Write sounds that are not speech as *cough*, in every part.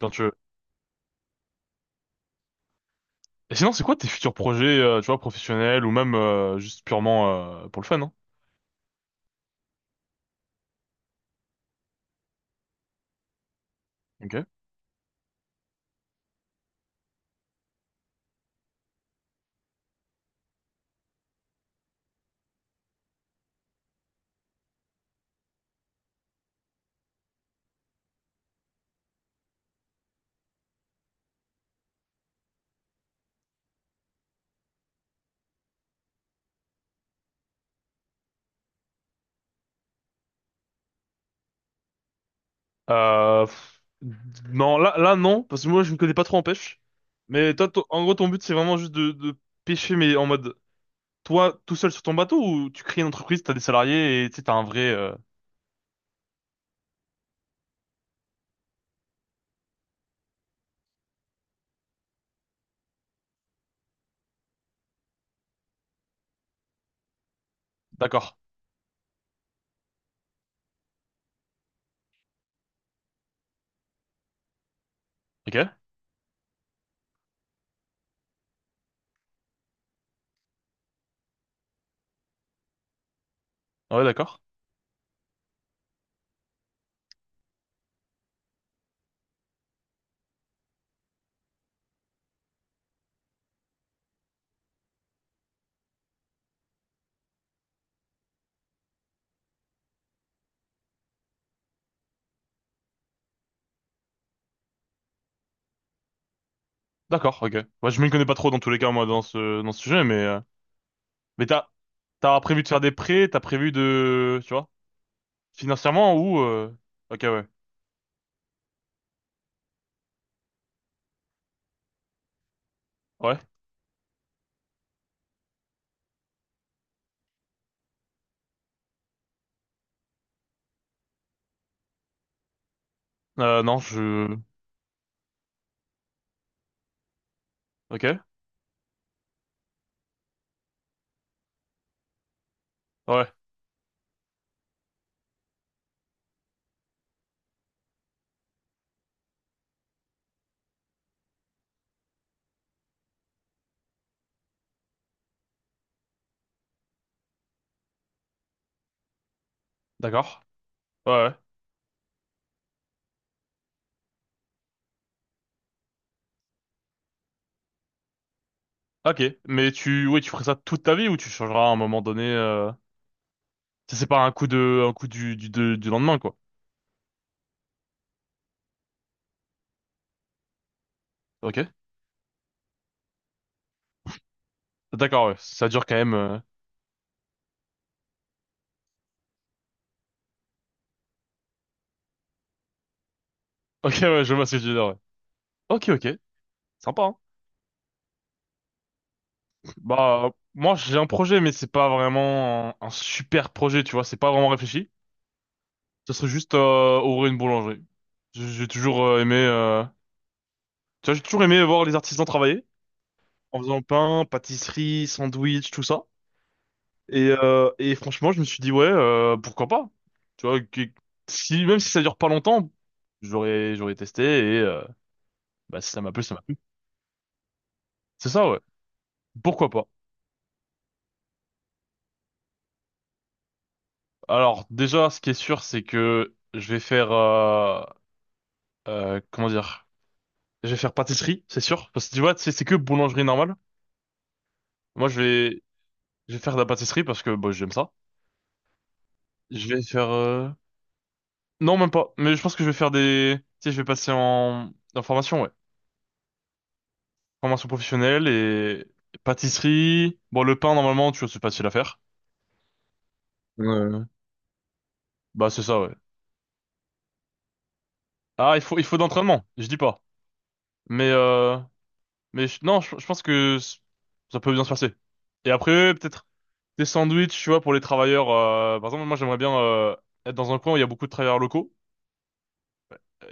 Quand tu veux. Et sinon, c'est quoi tes futurs projets, tu vois, professionnels ou même juste purement pour le fun, hein? Ok. Euh, pff, non, là, non, parce que moi, je me connais pas trop en pêche. Mais toi, en gros, ton but, c'est vraiment juste de pêcher, mais en mode, toi, tout seul sur ton bateau, ou tu crées une entreprise, t'as des salariés et tu sais, t'as un vrai. D'accord. Ok. Ouais, d'accord. D'accord. Ok. Moi, je me connais pas trop dans tous les cas, moi, dans ce sujet, mais t'as prévu de faire des prêts, t'as prévu de, tu vois, financièrement ou Ok, ouais. Ouais. Non, je... Ok. Ouais, d'accord. Ouais, ouais. Ok. Mais tu... Oui, tu ferais ça toute ta vie ou tu changeras à un moment donné... Ça, c'est pas un coup de... un coup du lendemain, quoi. Ok. D'accord, ouais. Ça dure quand même... *laughs* Ok, ouais, je vois ce que tu veux dire, ouais. Ok, ok. Sympa, hein. Bah, moi, j'ai un projet, mais c'est pas vraiment un super projet, tu vois. C'est pas vraiment réfléchi. Ce serait juste ouvrir une boulangerie. J'ai toujours aimé... Tu vois, j'ai toujours aimé voir les artisans travailler. En faisant pain, pâtisserie, sandwich, tout ça. Et franchement, je me suis dit, ouais, pourquoi pas? Tu vois, si, même si ça dure pas longtemps, j'aurais testé et bah, si ça m'a plu, ça m'a plu. C'est ça, ouais. Pourquoi pas? Alors, déjà, ce qui est sûr, c'est que je vais faire, comment dire? Je vais faire pâtisserie, c'est sûr. Parce que tu vois, c'est que boulangerie normale. Moi, je vais, je vais faire de la pâtisserie parce que bah, j'aime ça. Je vais faire... Non, même pas. Mais je pense que je vais faire des... Tu sais, je vais passer en formation, ouais. Formation professionnelle et pâtisserie. Bon, le pain, normalement, tu vois, c'est facile à faire. Ouais. Bah, c'est ça, ouais. Ah, il faut d'entraînement, je dis pas. Mais, euh, mais non, je pense que ça peut bien se passer. Et après, peut-être des sandwichs, tu vois, pour les travailleurs. Par exemple, moi, j'aimerais bien être dans un coin où il y a beaucoup de travailleurs locaux.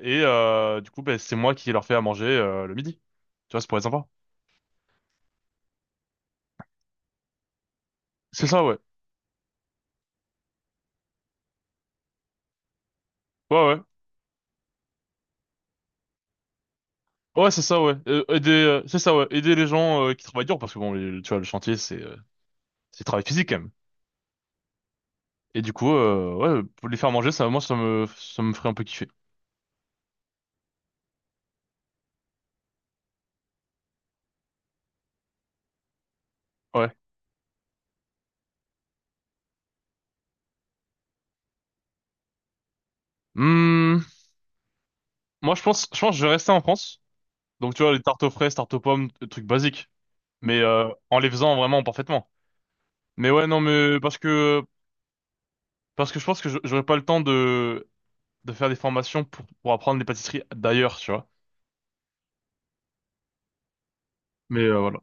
Et du coup, ben, c'est moi qui leur fais à manger le midi. Tu vois, ça pourrait être sympa. C'est ça, ouais. Ouais, ouais. Ouais, c'est ça, ouais. Aider, c'est ça, ouais. Aider les gens qui travaillent dur, parce que bon, tu vois, le chantier, c'est... C'est du travail physique quand même. Et du coup, ouais, pour les faire manger, ça, moi, ça me ferait un peu kiffer. Ouais. Hmm, moi, je pense que je vais rester en France. Donc, tu vois, les tartes aux fraises, tartes aux pommes, des trucs basiques. Mais en les faisant vraiment parfaitement. Mais ouais, non, mais parce que je pense que j'aurais pas le temps de faire des formations pour apprendre les pâtisseries d'ailleurs, tu vois. Mais voilà.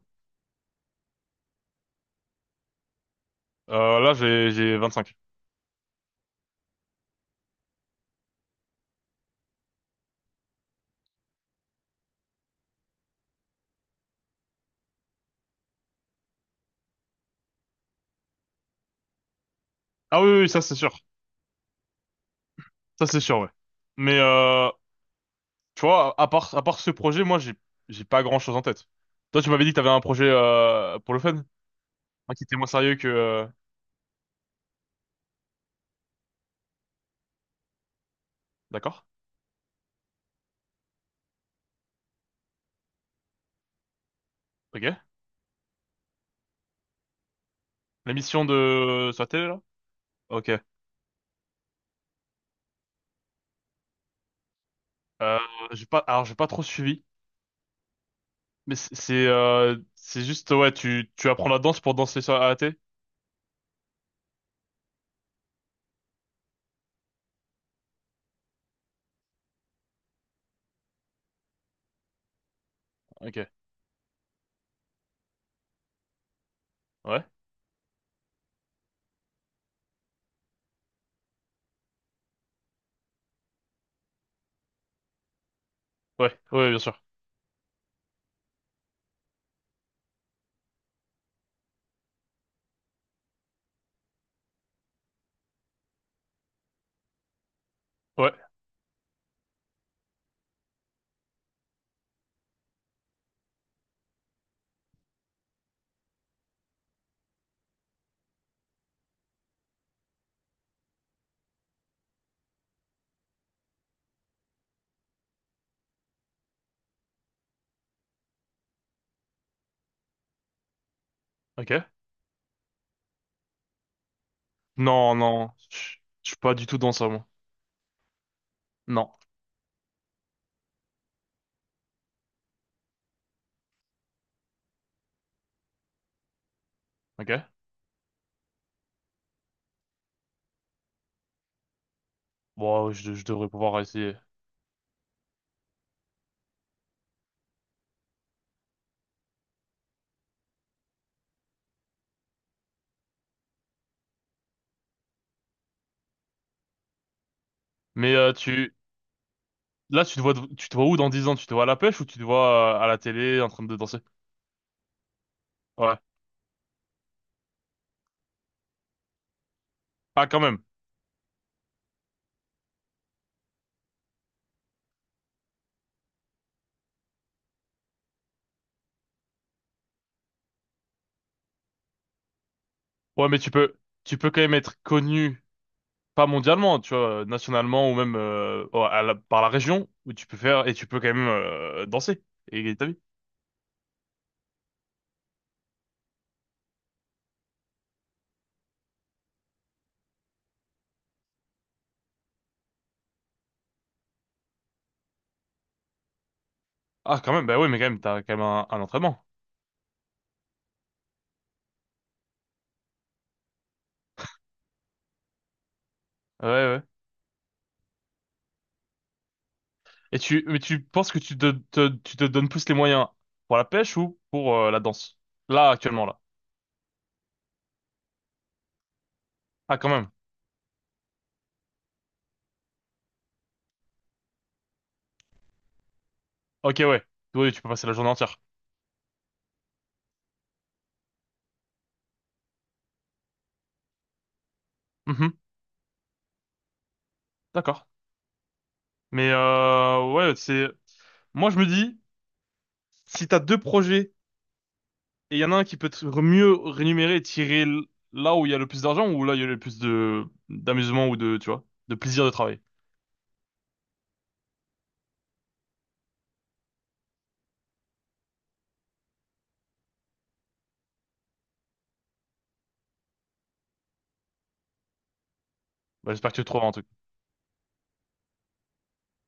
Là, j'ai 25. Ah oui, oui, oui, ça, c'est sûr. Ça, c'est sûr, ouais. Mais tu vois, à part ce projet, moi, j'ai pas grand-chose en tête. Toi, tu m'avais dit que t'avais un projet pour le fun, hein, qui était moins sérieux que... D'accord, ok. La mission de... sur la télé, là? Ok. Euh, j'ai pas, alors, j'ai pas trop suivi, mais c'est juste, ouais, tu apprends la danse pour danser sur à la télé? Ok. Ouais, ouais, ouais, bien sûr. Ouais, ok. Non, non, je suis pas du tout dans ça, moi. Non, ok. Bon, je devrais pouvoir essayer. Mais tu... Là, tu te vois où dans 10 ans? Tu te vois à la pêche ou tu te vois à la télé en train de danser? Ouais. Ah, quand même. Ouais, tu peux quand même être connu, pas mondialement, tu vois, nationalement ou même oh, par la région où tu peux faire et tu peux quand même danser et gagner ta vie. Ah, quand même. Bah oui, mais quand même, t'as quand même un entraînement. Ouais, ouais. Et mais tu penses que tu te donnes plus les moyens pour la pêche ou pour la danse? Là, actuellement, là. Ah, quand même. Ok, ouais. Oui, tu peux passer la journée entière. Mhm. D'accord. Mais ouais, c'est. Moi, je me dis, si t'as deux projets et il y en a un qui peut mieux rémunérer et là où il y a le plus d'argent ou là où il y a le plus de d'amusement ou de, tu vois, de plaisir de travail. Bah, j'espère que tu trouveras en tout cas.